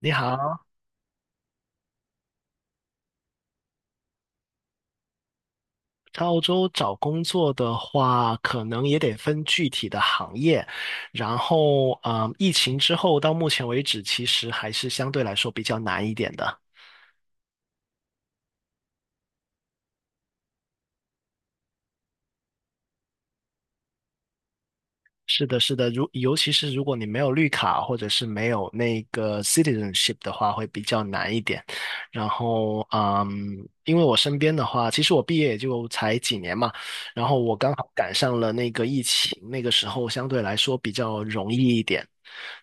你好。在澳洲找工作的话，可能也得分具体的行业。然后，疫情之后到目前为止，其实还是相对来说比较难一点的。是的，是的，尤其是如果你没有绿卡或者是没有那个 citizenship 的话，会比较难一点。然后，因为我身边的话，其实我毕业也就才几年嘛，然后我刚好赶上了那个疫情，那个时候相对来说比较容易一点，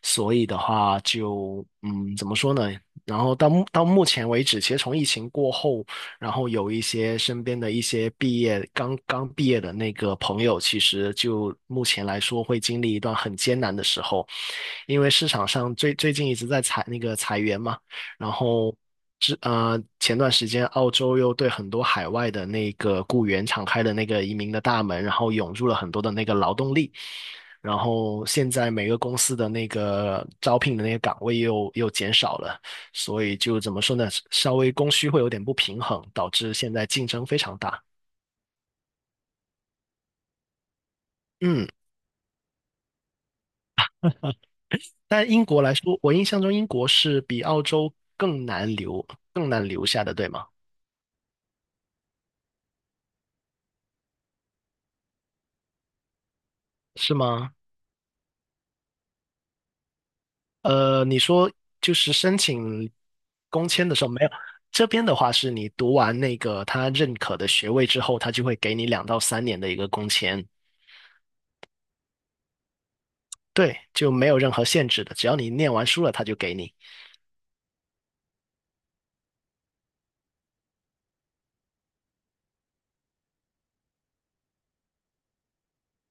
所以的话就，怎么说呢？然后到目前为止，其实从疫情过后。然后有一些身边的一些刚刚毕业的那个朋友，其实就目前来说会经历一段很艰难的时候，因为市场上最近一直在裁员嘛，然后前段时间澳洲又对很多海外的那个雇员敞开了那个移民的大门，然后涌入了很多的那个劳动力。然后现在每个公司的那个招聘的那个岗位又减少了，所以就怎么说呢，稍微供需会有点不平衡，导致现在竞争非常大。嗯。但英国来说，我印象中英国是比澳洲更难留下的，对吗？是吗？你说就是申请工签的时候没有，这边的话是你读完那个他认可的学位之后，他就会给你两到三年的一个工签，对，就没有任何限制的，只要你念完书了，他就给你。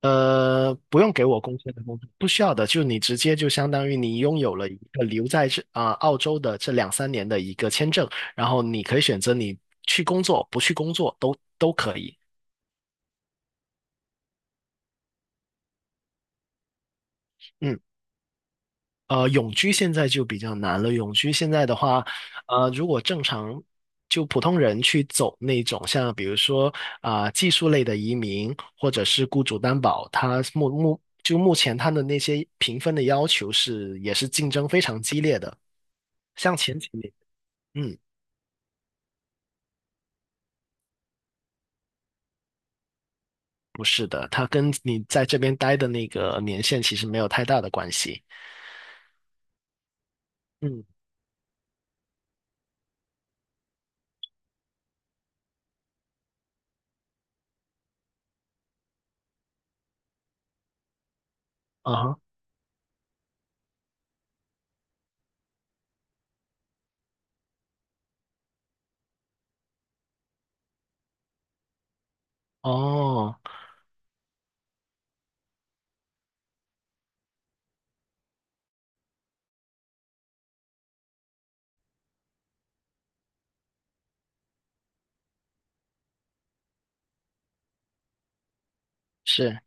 不用给我工签的工作，不需要的，就你直接就相当于你拥有了一个留在这啊、澳洲的这两三年的一个签证，然后你可以选择你去工作，不去工作都可以。嗯。永居现在就比较难了。永居现在的话，如果正常就普通人去走那种像比如说啊、技术类的移民，或者是雇主担保，他目前他的那些评分的要求是也是竞争非常激烈的。像前几年。嗯。不是的，它跟你在这边待的那个年限其实没有太大的关系。嗯。啊哈。哦。是。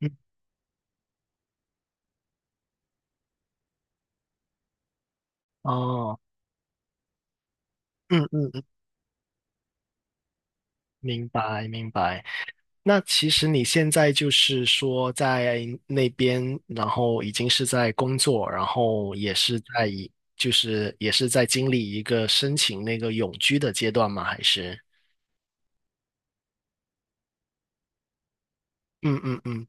嗯。哦。嗯嗯嗯。明白明白。那其实你现在就是说在那边，然后已经是在工作，然后也是就是也是在经历一个申请那个永居的阶段吗？还是？嗯嗯嗯。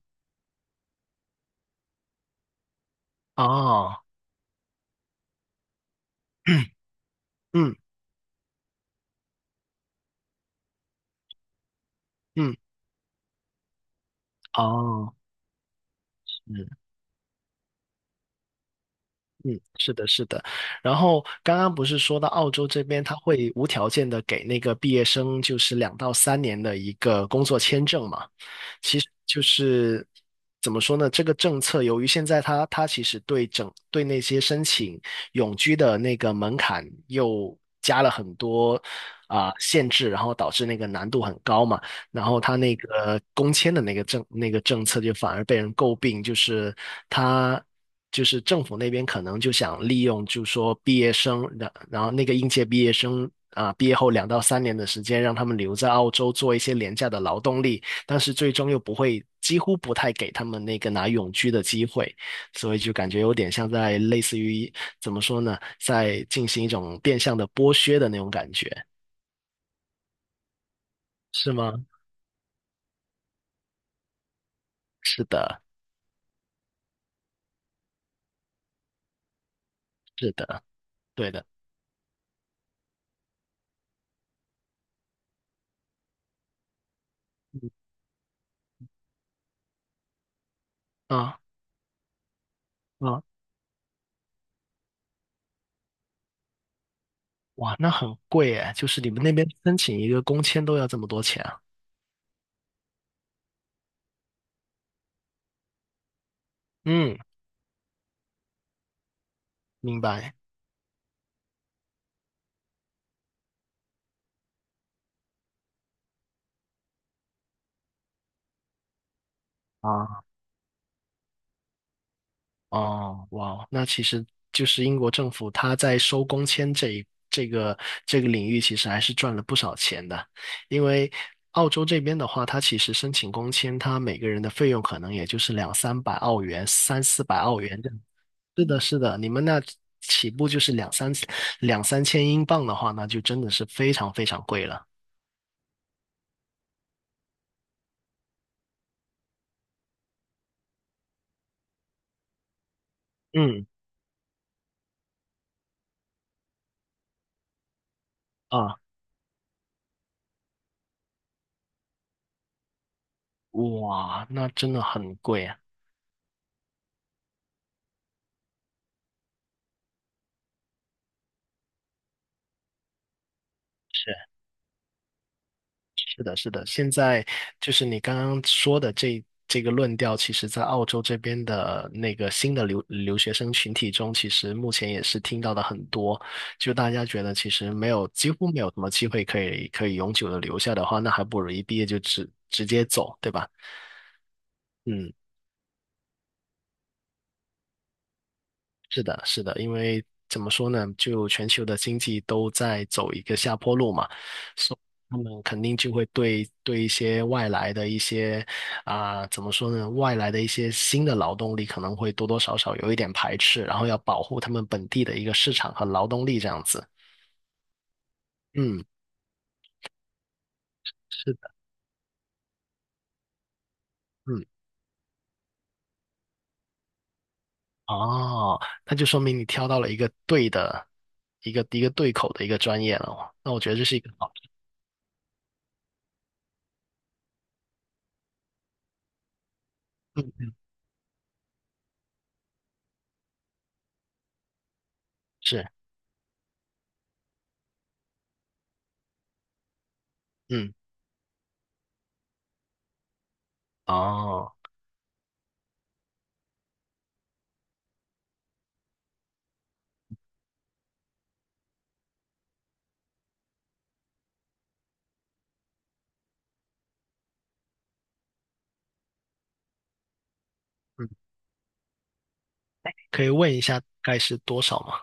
哦。嗯嗯。嗯。哦。嗯。嗯，是的，是的。然后刚刚不是说到澳洲这边，他会无条件的给那个毕业生就是两到三年的一个工作签证嘛？其实就是怎么说呢？这个政策由于现在它其实对那些申请永居的那个门槛又加了很多啊、限制，然后导致那个难度很高嘛。然后它那个工签的那个政策就反而被人诟病，就是它。就是政府那边可能就想利用，就是说毕业生，然后那个应届毕业生啊、毕业后两到三年的时间，让他们留在澳洲做一些廉价的劳动力，但是最终又不会，几乎不太给他们那个拿永居的机会，所以就感觉有点像在类似于怎么说呢，在进行一种变相的剥削的那种感觉，是吗？是的，是的，对的。啊。啊。哇，那很贵诶，就是你们那边申请一个工签都要这么多钱啊？嗯。明白。啊。哦，哇，那其实就是英国政府他在收工签这个领域，其实还是赚了不少钱的。因为澳洲这边的话，它其实申请工签，它每个人的费用可能也就是两三百澳元、三四百澳元这样。是的，是的，你们那起步就是两三千英镑的话，那就真的是非常非常贵了。嗯。啊。哇，那真的很贵啊。是。是的，是的，现在就是你刚刚说的这个论调，其实在澳洲这边的那个新的留学生群体中，其实目前也是听到的很多。就大家觉得其实没有，几乎没有什么机会可以永久的留下的话，那还不如一毕业就直接走，对吧？嗯。是的，是的，因为怎么说呢，就全球的经济都在走一个下坡路嘛，所以他们肯定就会对一些外来的一些啊、怎么说呢，外来的一些新的劳动力可能会多多少少有一点排斥，然后要保护他们本地的一个市场和劳动力这样子。嗯。是的。嗯。哦，那就说明你挑到了一个对的一个对口的一个专业了哦，那我觉得这是一个好。嗯。是。嗯。哦。嗯。可以问一下大概是多少吗？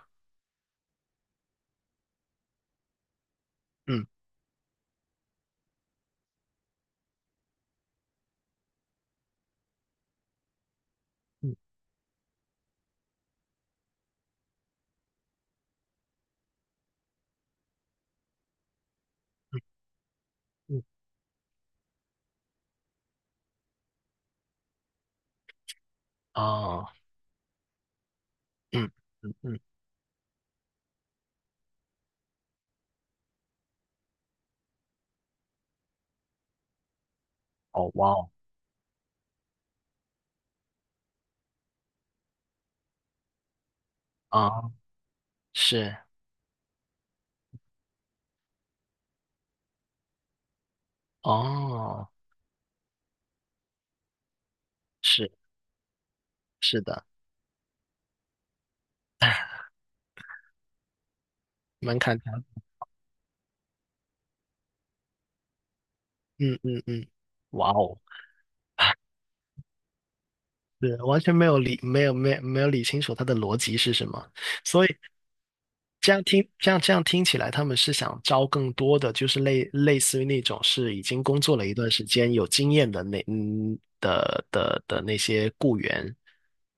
嗯嗯嗯。哦。嗯嗯嗯。哦哇哦。啊。是。哦。是。是的。门槛条，嗯嗯嗯。哇哦。是完全没有理没有没有没有理清楚它的逻辑是什么，所以这样听起来，他们是想招更多的，就是类似于那种是已经工作了一段时间、有经验的那嗯的的的那些雇员，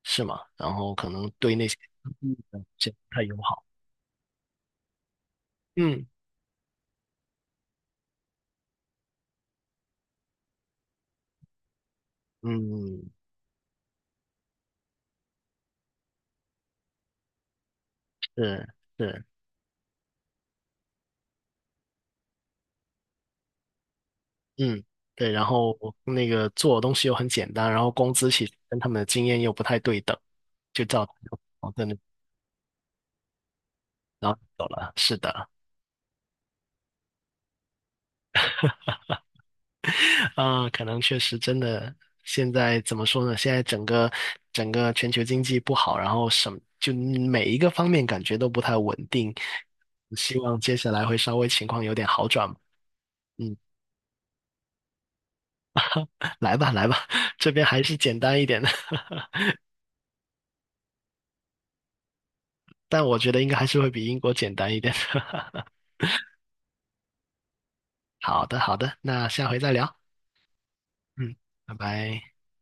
是吗？然后可能对那些这不太友好。嗯嗯。是是，嗯对，然后那个做的东西又很简单，然后工资其实跟他们的经验又不太对等，就造成矛盾，然后走了。是的。啊，可能确实真的，现在怎么说呢？现在整个全球经济不好，然后就每一个方面感觉都不太稳定。希望接下来会稍微情况有点好转。嗯。来吧来吧，这边还是简单一点的，但我觉得应该还是会比英国简单一点的。好的好的，那下回再聊。嗯。拜拜。